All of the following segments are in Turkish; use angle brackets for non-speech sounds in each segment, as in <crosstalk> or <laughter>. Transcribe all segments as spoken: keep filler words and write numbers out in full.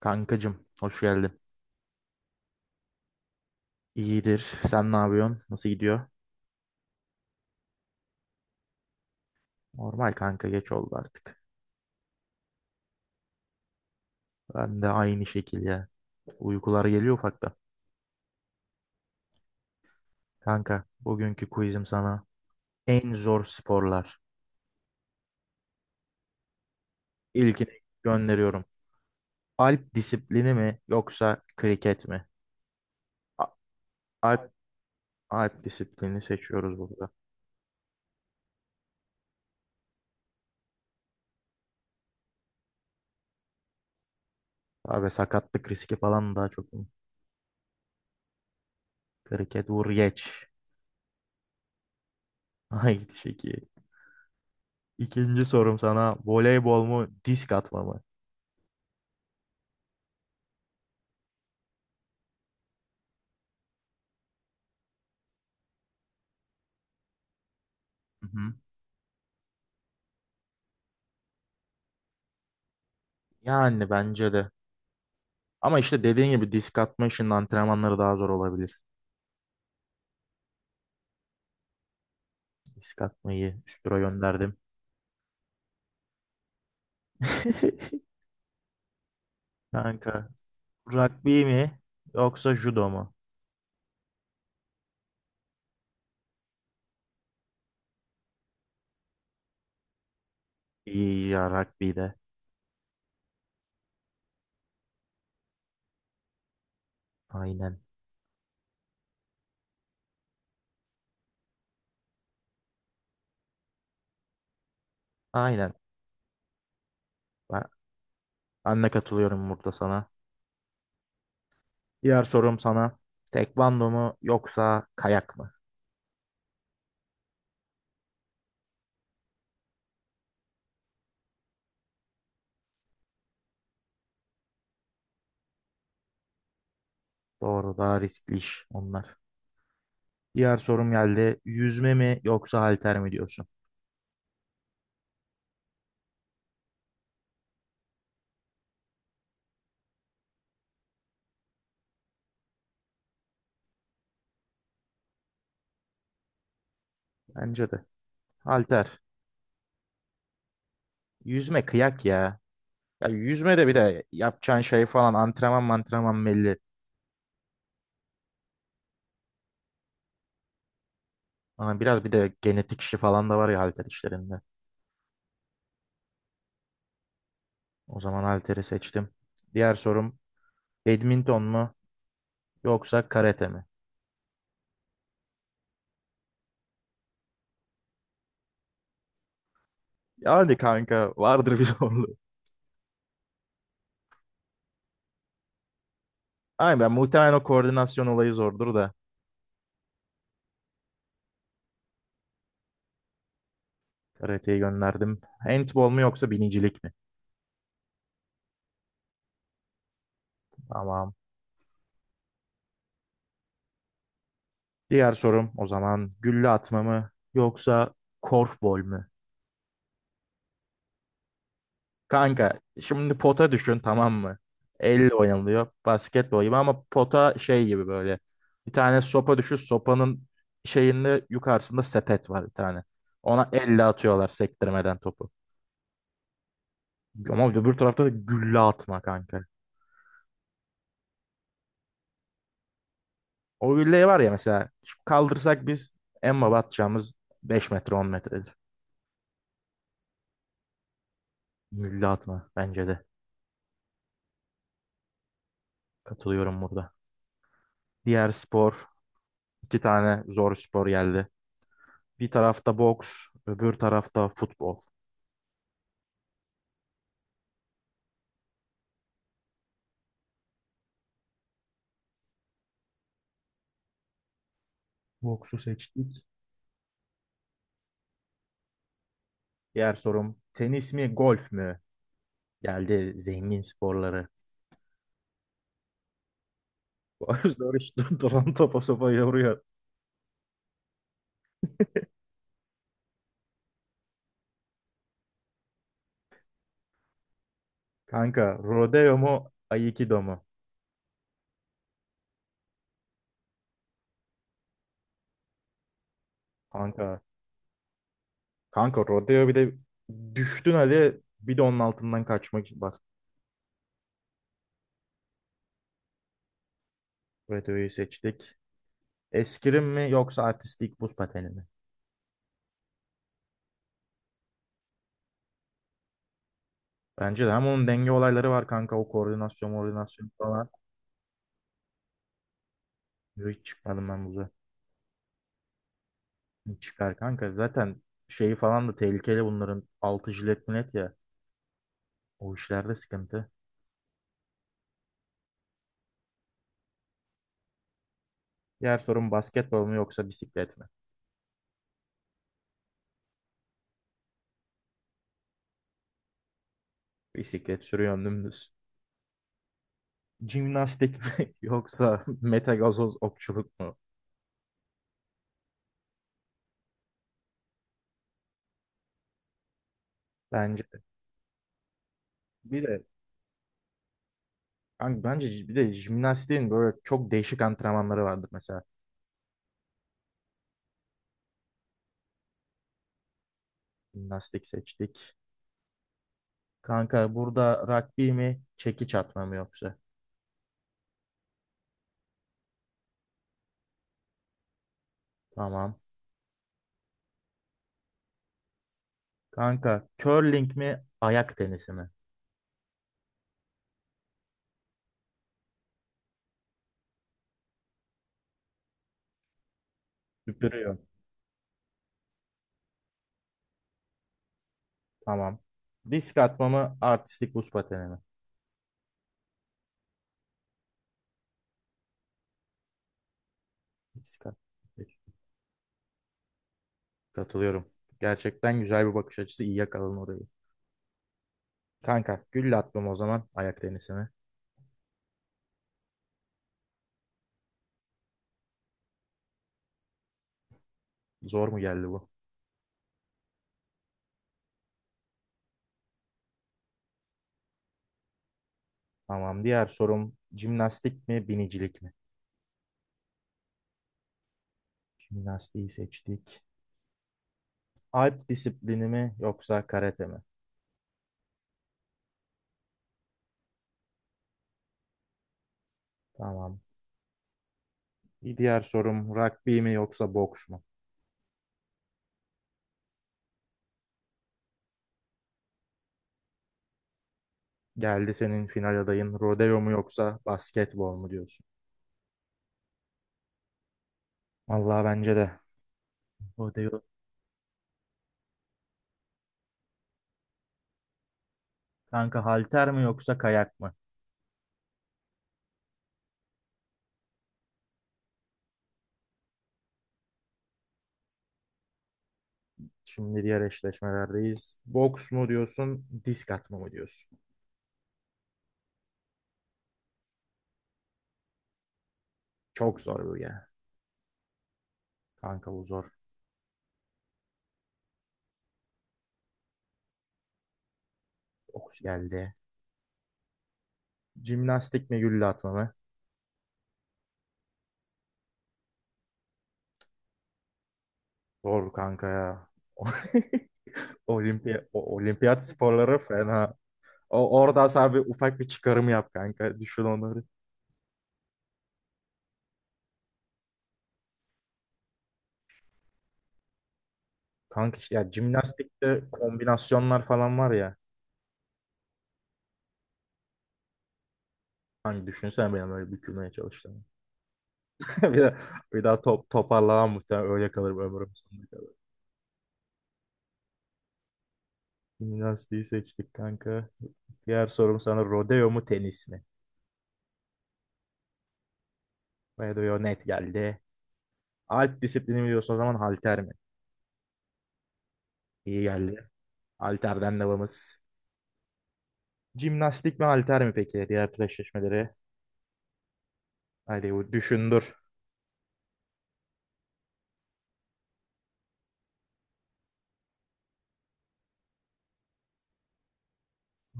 Kankacım, hoş geldin. İyidir. Sen ne yapıyorsun? Nasıl gidiyor? Normal kanka geç oldu artık. Ben de aynı şekilde. Uykular geliyor ufakta. Kanka, bugünkü quizim sana en zor sporlar. İlkini gönderiyorum. Alp disiplini mi yoksa kriket mi? A- Alp, Alp disiplini seçiyoruz burada. Abi sakatlık riski falan daha çok. Kriket vur geç. <laughs> Aynı şekilde. İkinci sorum sana voleybol mu disk atma mı? Hı hı. Yani bence de ama işte dediğin gibi disk atma işinin antrenmanları daha zor olabilir. Disk atmayı üstüra gönderdim. <laughs> Kanka, rugby mi yoksa judo mu? İyi ya rugby de. Aynen. Aynen. Ben, ben de katılıyorum burada sana. Diğer sorum sana. Tekvando mu yoksa kayak mı? Doğru daha riskli iş onlar. Diğer sorum geldi. Yüzme mi yoksa halter mi diyorsun? Bence de. Halter. Yüzme kıyak ya. Ya yüzmede bir de yapacağın şey falan antrenman antrenman belli. Ama biraz bir de genetik işi falan da var ya halter işlerinde. O zaman halteri seçtim. Diğer sorum badminton mu yoksa karate mi? Yani kanka vardır bir <laughs> zorluğu. Aynen ben muhtemelen o koordinasyon olayı zordur da karateyi gönderdim. Handball mu yoksa binicilik mi? Tamam. Diğer sorum o zaman gülle atma mı yoksa korfbol mu? Kanka şimdi pota düşün tamam mı? Elle oynanılıyor basketbol gibi ama pota şey gibi böyle. Bir tane sopa düşün sopanın şeyinde yukarısında sepet var bir tane. Ona elle atıyorlar sektirmeden topu. Ama öbür tarafta da gülle atma kanka. O gülleyi var ya mesela şu kaldırsak biz en baba atacağımız beş metre on metredir. Gülle atma bence de. Katılıyorum burada. Diğer spor iki tane zor spor geldi. Bir tarafta boks öbür tarafta futbol. Boksu seçtik. Diğer sorum tenis mi golf mü? Geldi zengin sporları. <laughs> Bu soru işte duran topa sopa yoruyor. Kanka rodeo mu aikido mu? Kanka. Kanka rodeo bir de düştün hadi bir de onun altından kaçmak. Bak rodeoyu seçtik. Eskrim mi yoksa artistik buz pateni mi? Bence de hem onun denge olayları var kanka o koordinasyon koordinasyon falan. Hiç çıkmadım ben buza. Çıkar kanka zaten şeyi falan da tehlikeli bunların altı jilet millet ya. O işlerde sıkıntı. Diğer sorum basketbol mu yoksa bisiklet mi? Bisiklet sürüyorsun dümdüz. Jimnastik mi <laughs> yoksa metagazoz okçuluk mu? Bence de. Bir de kanka bence bir de jimnastiğin böyle çok değişik antrenmanları vardır mesela. Jimnastik seçtik. Kanka burada rugby mi, çekiç atma mı yoksa? Tamam. Kanka curling mi, ayak tenisi mi? Süpürüyorum. Tamam. Disk atma mı, artistik buz pateni mi? Disk atma. Katılıyorum. Gerçekten güzel bir bakış açısı. İyi yakaladın orayı. Kanka gülle atmam o zaman ayak tenisine. Zor mu geldi bu? Tamam. Diğer sorum jimnastik mi binicilik mi? Jimnastiği seçtik. Alp disiplini mi yoksa karate mi? Tamam. Bir diğer sorum rugby mi yoksa boks mu? Geldi senin final adayın rodeo mu yoksa basketbol mu diyorsun? Vallahi bence de. Rodeo. Kanka halter mi yoksa kayak mı? Şimdi diğer eşleşmelerdeyiz. Boks mu diyorsun, disk atma mı diyorsun? Çok zor bu ya. Kanka bu zor. Okus geldi. Jimnastik mi gülle atma mı? Zor kanka ya. <laughs> Olimpiya, o- olimpiyat sporları fena. O, orada sana ufak bir çıkarım yap kanka. Düşün onları. Kanka işte ya jimnastikte kombinasyonlar falan var ya. Hani düşünsene benim öyle bükülmeye çalıştığımı. <laughs> Bir de, Bir daha top, toparlamam muhtemelen öyle kalır ömrüm sonuna kadar. Jimnastiği seçtik kanka. Diğer sorum sana rodeo mu tenis mi? Rodeo net geldi. Alp disiplini biliyorsun o zaman halter mi? İyi geldi. Halterden devamız. Jimnastik mi halter mi peki? Diğer eşleşmeleri. Hadi bu düşündür.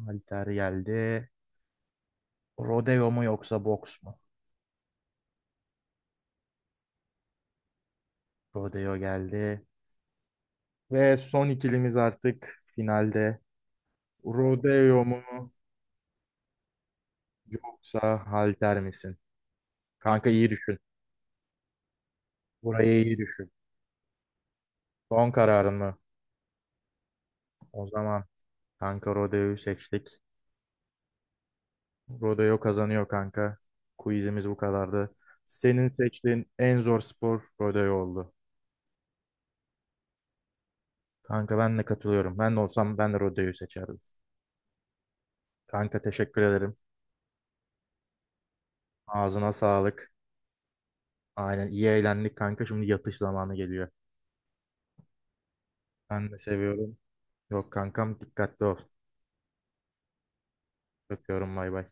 Halter geldi. Rodeo mu yoksa boks mu? Rodeo geldi. Ve son ikilimiz artık finalde. Rodeo mu yoksa halter misin? Kanka iyi düşün. Burayı iyi düşün. Son kararın mı? O zaman kanka rodeoyu seçtik. Rodeo kazanıyor kanka. Quizimiz bu kadardı. Senin seçtiğin en zor spor rodeo oldu. Kanka ben de katılıyorum. Ben de olsam ben de rodeoyu seçerdim. Kanka teşekkür ederim. Ağzına sağlık. Aynen iyi eğlendik kanka. Şimdi yatış zamanı geliyor. Ben de seviyorum. Yok kankam dikkatli ol. Öpüyorum bay bay.